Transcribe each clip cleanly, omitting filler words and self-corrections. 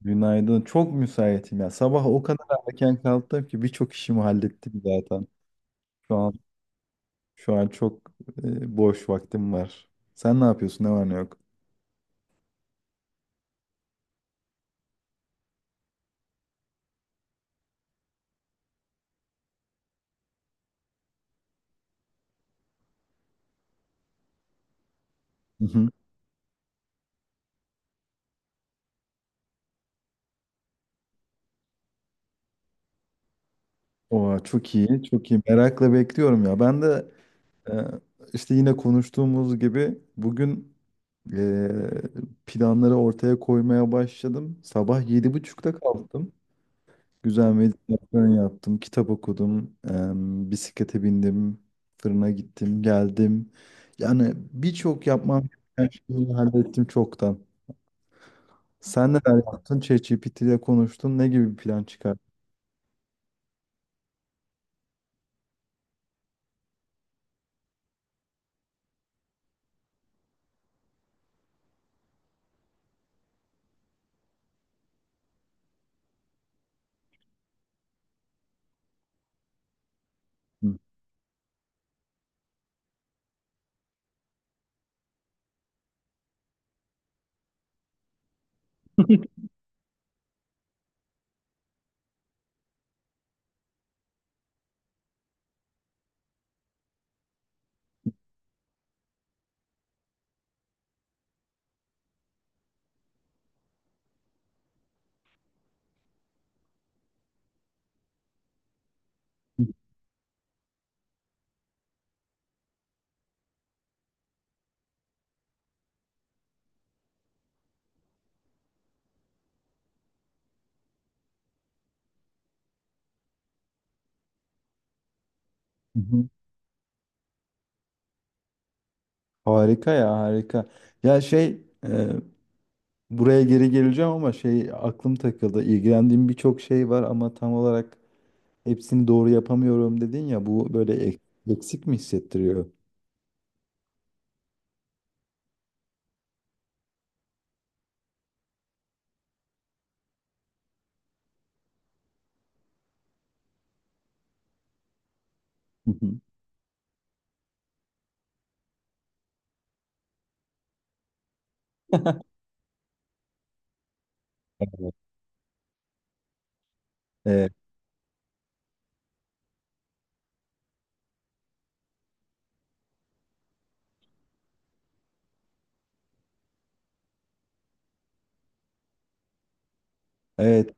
Günaydın. Çok müsaitim ya. Sabah o kadar erken kalktım ki birçok işimi hallettim zaten. Şu an şu an çok boş vaktim var. Sen ne yapıyorsun? Ne var ne yok? Hı hı. Oo, çok iyi, çok iyi. Merakla bekliyorum ya. Ben de e, işte yine konuştuğumuz gibi bugün planları ortaya koymaya başladım. Sabah 7.30'da kalktım. Güzel meditasyon yaptım, kitap okudum, bisiklete bindim, fırına gittim, geldim. Yani birçok yapmam gereken şeyi hallettim çoktan. Sen neler yaptın? ChatGPT ile konuştun. Ne gibi bir plan çıkarttın? Hı hı. Harika ya, harika. Ya şey, e, buraya geri geleceğim ama şey aklım takıldı. İlgilendiğim birçok şey var ama tam olarak hepsini doğru yapamıyorum dedin ya bu böyle eksik mi hissettiriyor? Hı hı. Evet. Evet.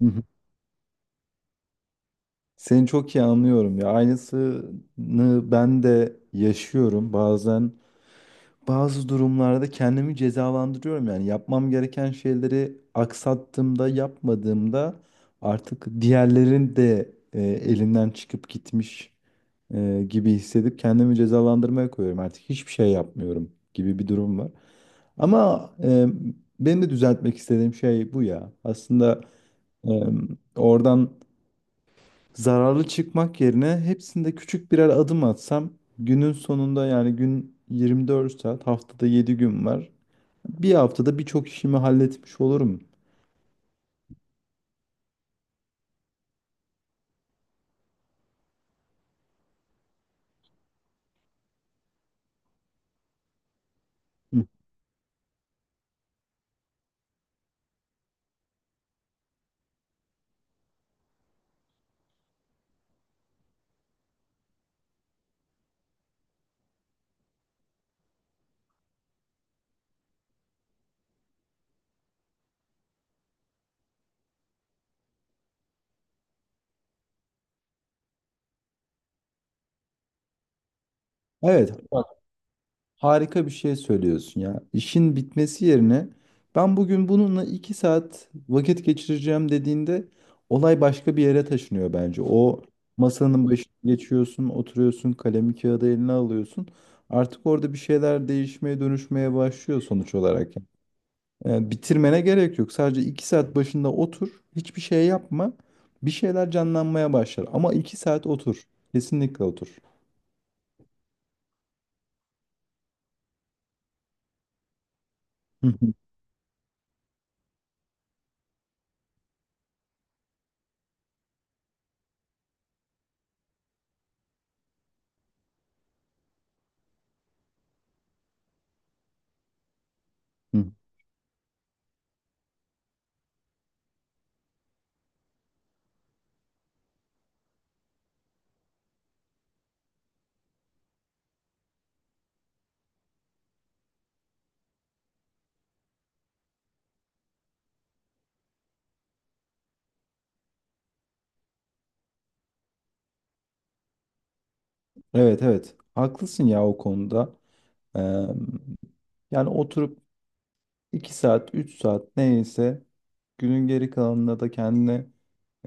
Hı hı. Seni çok iyi anlıyorum ya. Aynısını ben de yaşıyorum. Bazen bazı durumlarda kendimi cezalandırıyorum. Yani yapmam gereken şeyleri aksattığımda, yapmadığımda artık diğerlerin de elinden çıkıp gitmiş gibi hissedip kendimi cezalandırmaya koyuyorum. Artık hiçbir şey yapmıyorum gibi bir durum var. Ama benim de düzeltmek istediğim şey bu ya. Aslında e, oradan zararlı çıkmak yerine hepsinde küçük birer adım atsam günün sonunda yani gün 24 saat haftada 7 gün var. Bir haftada birçok işimi halletmiş olurum. Hı. Evet, bak, harika bir şey söylüyorsun ya. İşin bitmesi yerine ben bugün bununla 2 saat vakit geçireceğim dediğinde olay başka bir yere taşınıyor bence. O masanın başına geçiyorsun, oturuyorsun, kalemi kağıdı eline alıyorsun. Artık orada bir şeyler değişmeye, dönüşmeye başlıyor sonuç olarak. Bitirmene gerek yok. Sadece 2 saat başında otur. Hiçbir şey yapma. Bir şeyler canlanmaya başlar. Ama 2 saat otur. Kesinlikle otur. Hı hı hı. Evet, evet. Haklısın ya o konuda. Ee, Yani oturup 2 saat, 3 saat neyse günün geri kalanında da kendine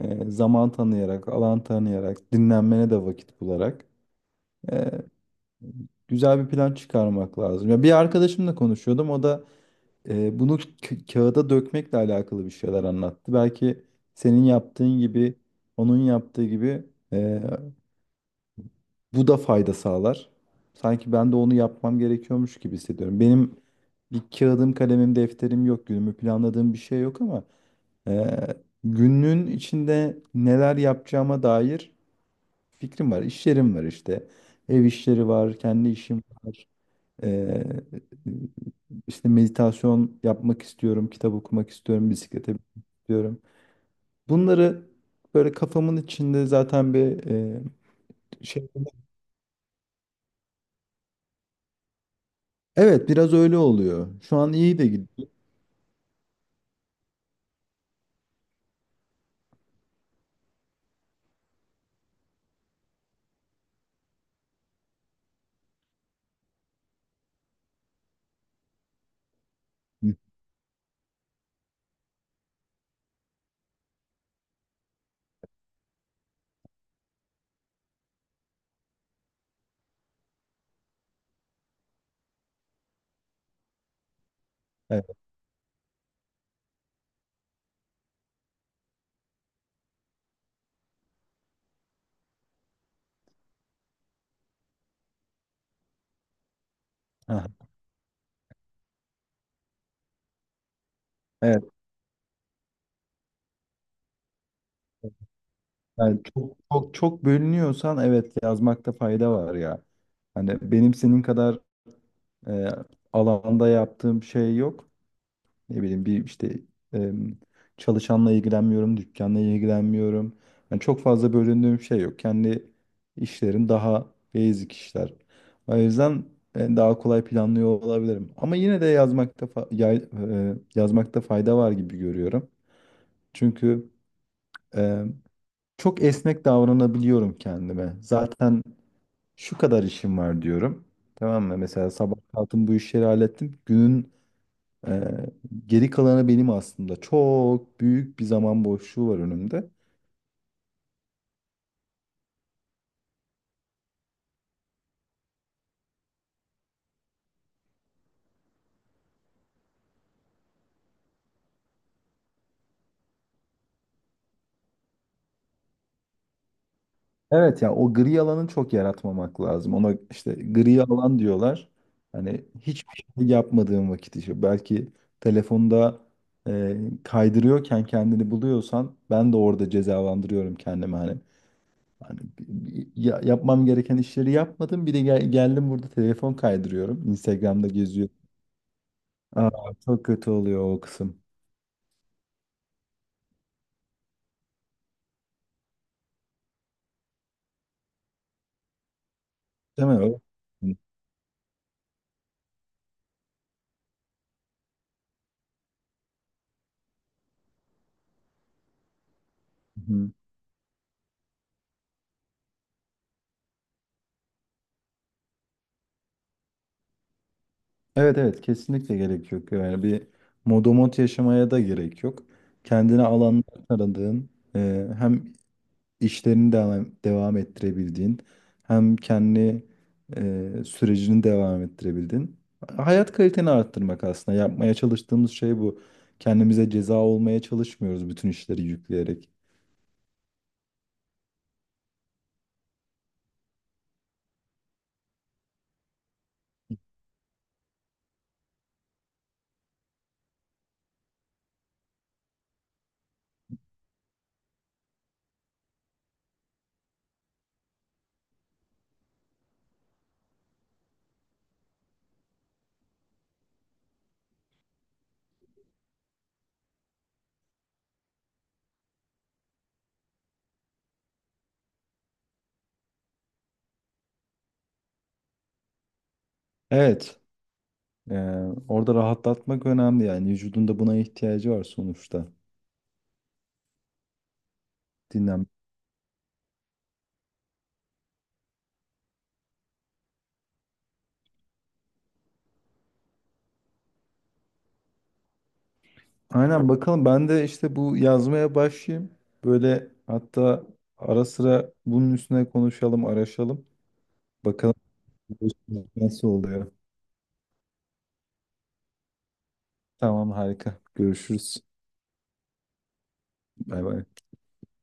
zaman tanıyarak, alan tanıyarak, dinlenmene de vakit bularak e, güzel bir plan çıkarmak lazım. Ya bir arkadaşımla konuşuyordum. O da bunu kağıda dökmekle alakalı bir şeyler anlattı. Belki senin yaptığın gibi, onun yaptığı gibi e, bu da fayda sağlar. Sanki ben de onu yapmam gerekiyormuş gibi hissediyorum. Benim bir kağıdım, kalemim, defterim yok. Günümü planladığım bir şey yok ama e, günün içinde neler yapacağıma dair fikrim var. İşlerim var işte. Ev işleri var, kendi işim var. Ee, işte meditasyon yapmak istiyorum, kitap okumak istiyorum, bisiklete binmek istiyorum. Bunları böyle kafamın içinde zaten bir şey. Evet, biraz öyle oluyor. Şu an iyi de gidiyor. Hı. Evet. Aha, evet. Yani çok çok çok bölünüyorsan, evet, yazmakta fayda var ya. Hani benim senin kadar e, alanda yaptığım şey yok. Ne bileyim bir işte em, çalışanla ilgilenmiyorum, dükkanla ilgilenmiyorum. Yani çok fazla bölündüğüm şey yok. Kendi işlerim daha basic işler. O yüzden daha kolay planlıyor olabilirim. Ama yine de yazmakta fa- yay- e, yazmakta fayda var gibi görüyorum. Çünkü e, çok esnek davranabiliyorum kendime. Zaten şu kadar işim var diyorum. Tamam mı? Mesela sabah kalktım, bu işleri hallettim. Günün ee, geri kalanı benim aslında. Çok büyük bir zaman boşluğu var önümde. Evet ya, o gri alanı çok yaratmamak lazım. Ona işte gri alan diyorlar. Hani hiçbir şey yapmadığın vakit işte belki telefonda e, kaydırıyorken kendini buluyorsan ben de orada cezalandırıyorum kendimi hani. Hani bi- Yapmam gereken işleri yapmadım. Bir de geldim burada, telefon kaydırıyorum. Instagram'da geziyorum. Aa, çok kötü oluyor o kısım. Değil mi? O- Hı hı. Evet, evet, kesinlikle gerek yok. Yani bir modomot yaşamaya da gerek yok. Kendine alanlar aradığın, hem işlerini devam ettirebildiğin, hem kendi sürecini devam ettirebildiğin. Hayat kaliteni arttırmak aslında. Yapmaya çalıştığımız şey bu. Kendimize ceza olmaya çalışmıyoruz bütün işleri yükleyerek. Evet, e, orada rahatlatmak önemli yani. Vücudun da buna ihtiyacı var sonuçta. Dinlen. Aynen, bakalım, ben de işte bu yazmaya başlayayım. Böyle hatta ara sıra bunun üstüne konuşalım, araşalım. Bakalım nasıl oluyor. Tamam, harika. Görüşürüz. Bay bay.